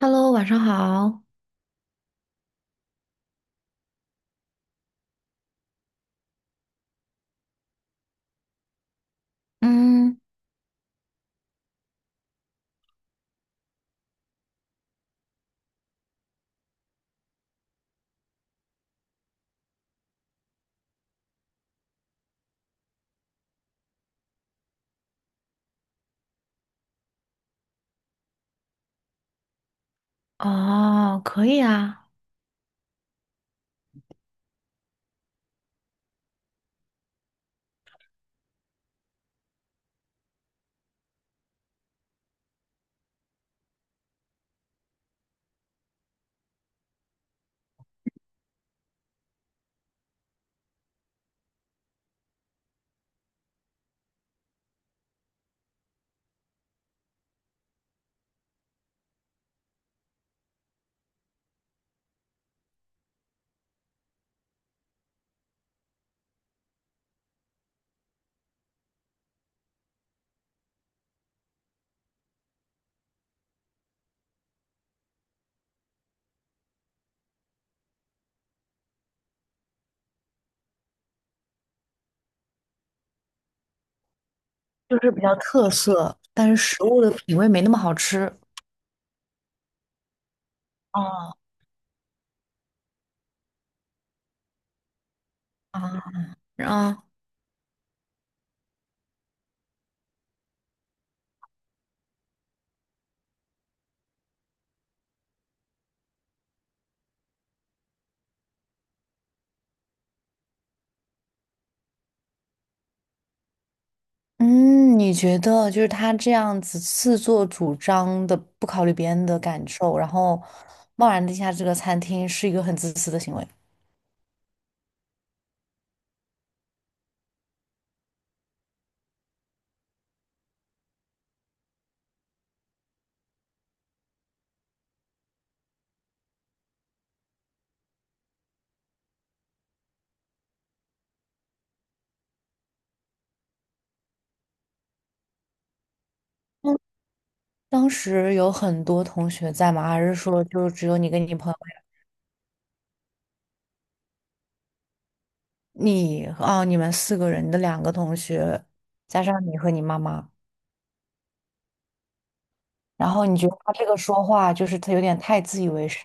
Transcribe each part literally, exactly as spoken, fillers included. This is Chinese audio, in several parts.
Hello，晚上好。嗯，哦，可以啊。就是比较特色，但是食物的品味没那么好吃。哦，啊，啊，嗯，你觉得就是他这样子自作主张的，不考虑别人的感受，然后贸然地下这个餐厅，是一个很自私的行为。嗯，当时有很多同学在吗？还是说就只有你跟你朋友，你哦，你们四个人，你的两个同学，加上你和你妈妈？然后你觉得他这个说话就是他有点太自以为是。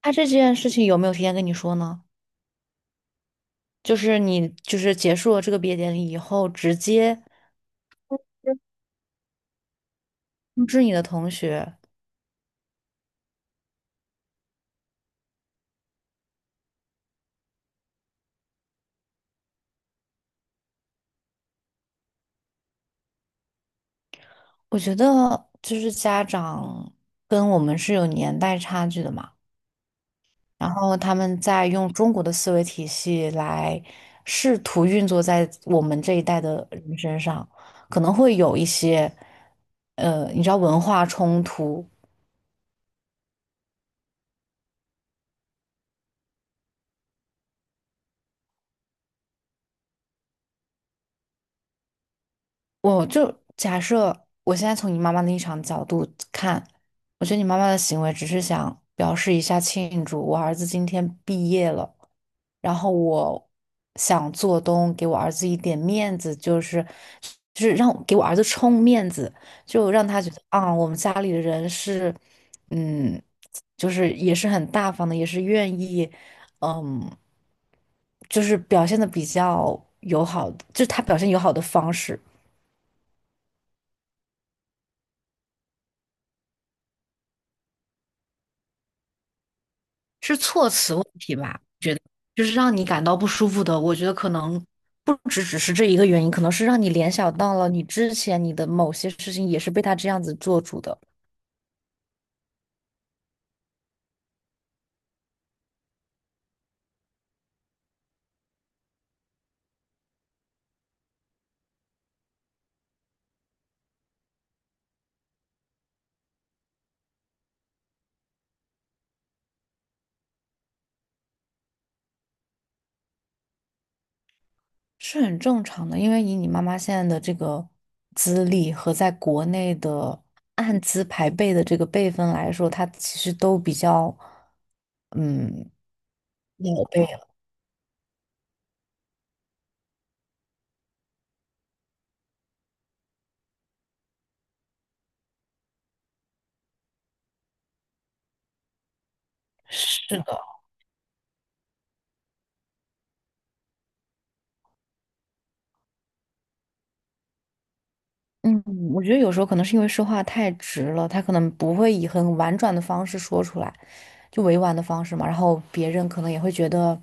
他这件事情有没有提前跟你说呢？就是你就是结束了这个毕业典礼以后，直接通知你的同学。我觉得就是家长跟我们是有年代差距的嘛，然后他们在用中国的思维体系来试图运作在我们这一代的人身上，可能会有一些呃，你知道文化冲突。我就假设我现在从你妈妈的立场角度看，我觉得你妈妈的行为只是想表示一下庆祝，我儿子今天毕业了，然后我想做东给我儿子一点面子，就是就是让给我儿子充面子，就让他觉得啊，我们家里的人是，嗯，就是也是很大方的，也是愿意，嗯，就是表现的比较友好，就是他表现友好的方式是措辞问题吧。就是让你感到不舒服的，我觉得可能不只只是这一个原因，可能是让你联想到了你之前你的某些事情也是被他这样子做主的，是很正常的。因为以你妈妈现在的这个资历和在国内的按资排辈的这个辈分来说，她其实都比较嗯老辈了。是的，嗯，我觉得有时候可能是因为说话太直了，他可能不会以很婉转的方式说出来，就委婉的方式嘛。然后别人可能也会觉得，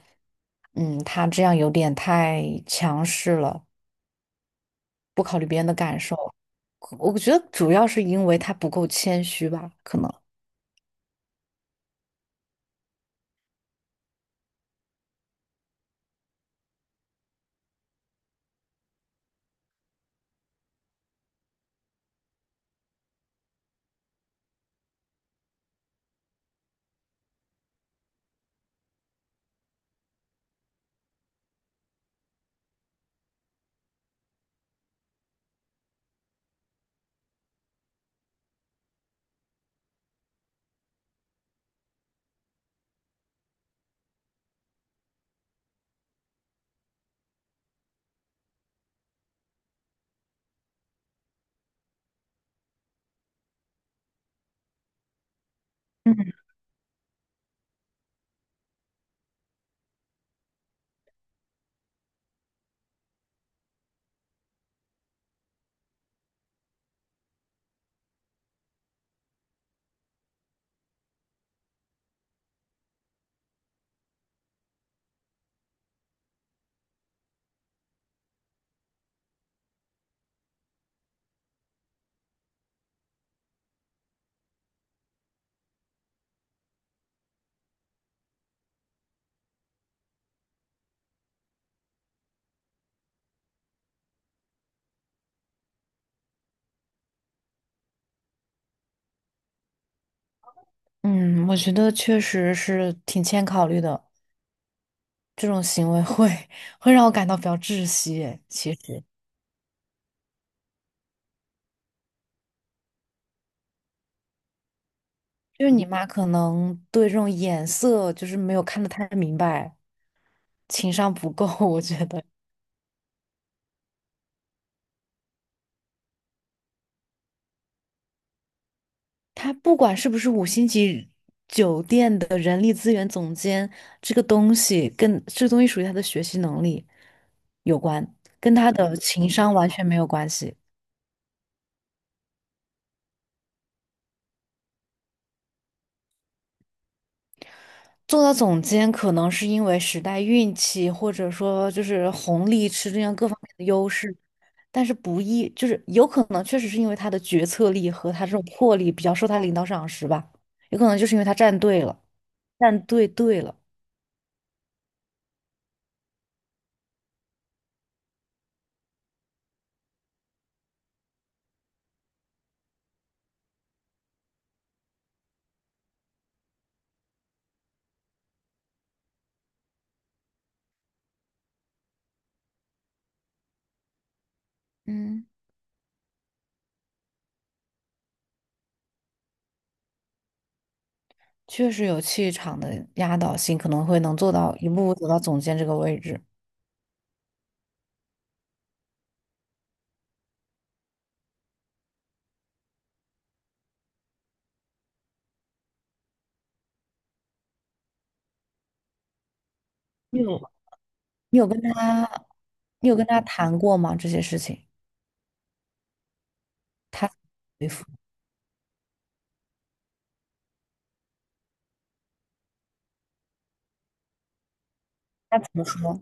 嗯，他这样有点太强势了，不考虑别人的感受。我觉得主要是因为他不够谦虚吧，可能。嗯嗯，我觉得确实是挺欠考虑的，这种行为会会让我感到比较窒息诶。其实，就是你妈可能对这种眼色就是没有看得太明白。情商不够，我觉得他不管是不是五星级酒店的人力资源总监，这个东西跟这个东西属于他的学习能力有关，跟他的情商完全没有关系。做到总监可能是因为时代运气，或者说就是红利吃这样各方面的优势，但是不易，就是有可能确实是因为他的决策力和他这种魄力比较受他领导赏识吧，有可能就是因为他站队了，站队对了，嗯。确实有气场的压倒性，可能会能做到一步步走到总监这个位置。你有你有跟他，你有跟他谈过吗？这些事情，他回复他怎么说？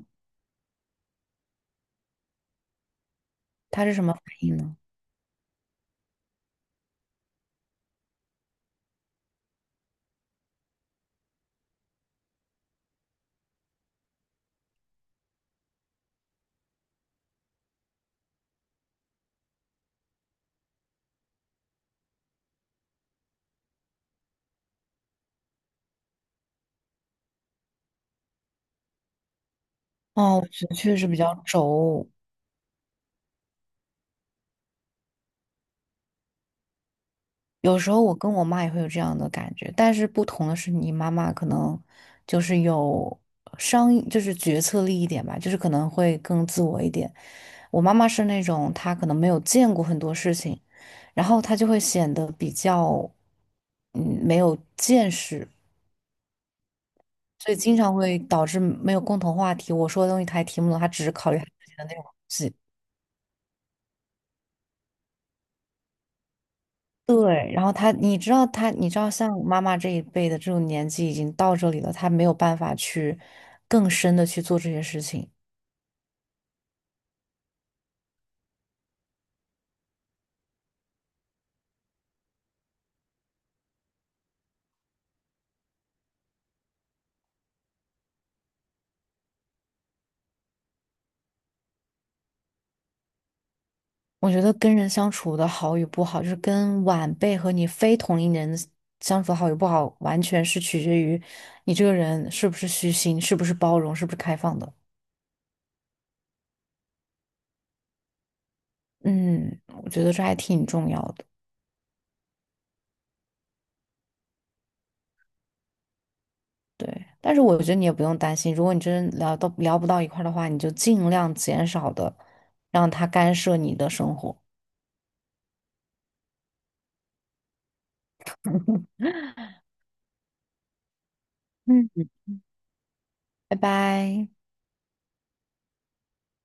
他是什么反应呢？哦，我觉得确实比较轴。有时候我跟我妈也会有这样的感觉，但是不同的是，你妈妈可能就是有商，就是决策力一点吧，就是可能会更自我一点。我妈妈是那种她可能没有见过很多事情，然后她就会显得比较，嗯，没有见识，所以经常会导致没有共同话题。我说的东西她也听不懂，她只是考虑她自己的那种东西。对，然后她，你知道她，你知道像妈妈这一辈的这种年纪已经到这里了，她没有办法去更深的去做这些事情。我觉得跟人相处的好与不好，就是跟晚辈和你非同龄人相处的好与不好，完全是取决于你这个人是不是虚心，是不是包容，是不是开放的。嗯，我觉得这还挺重要的。对，但是我觉得你也不用担心，如果你真聊到聊不到一块儿的话，你就尽量减少的让他干涉你的生活。嗯，拜拜。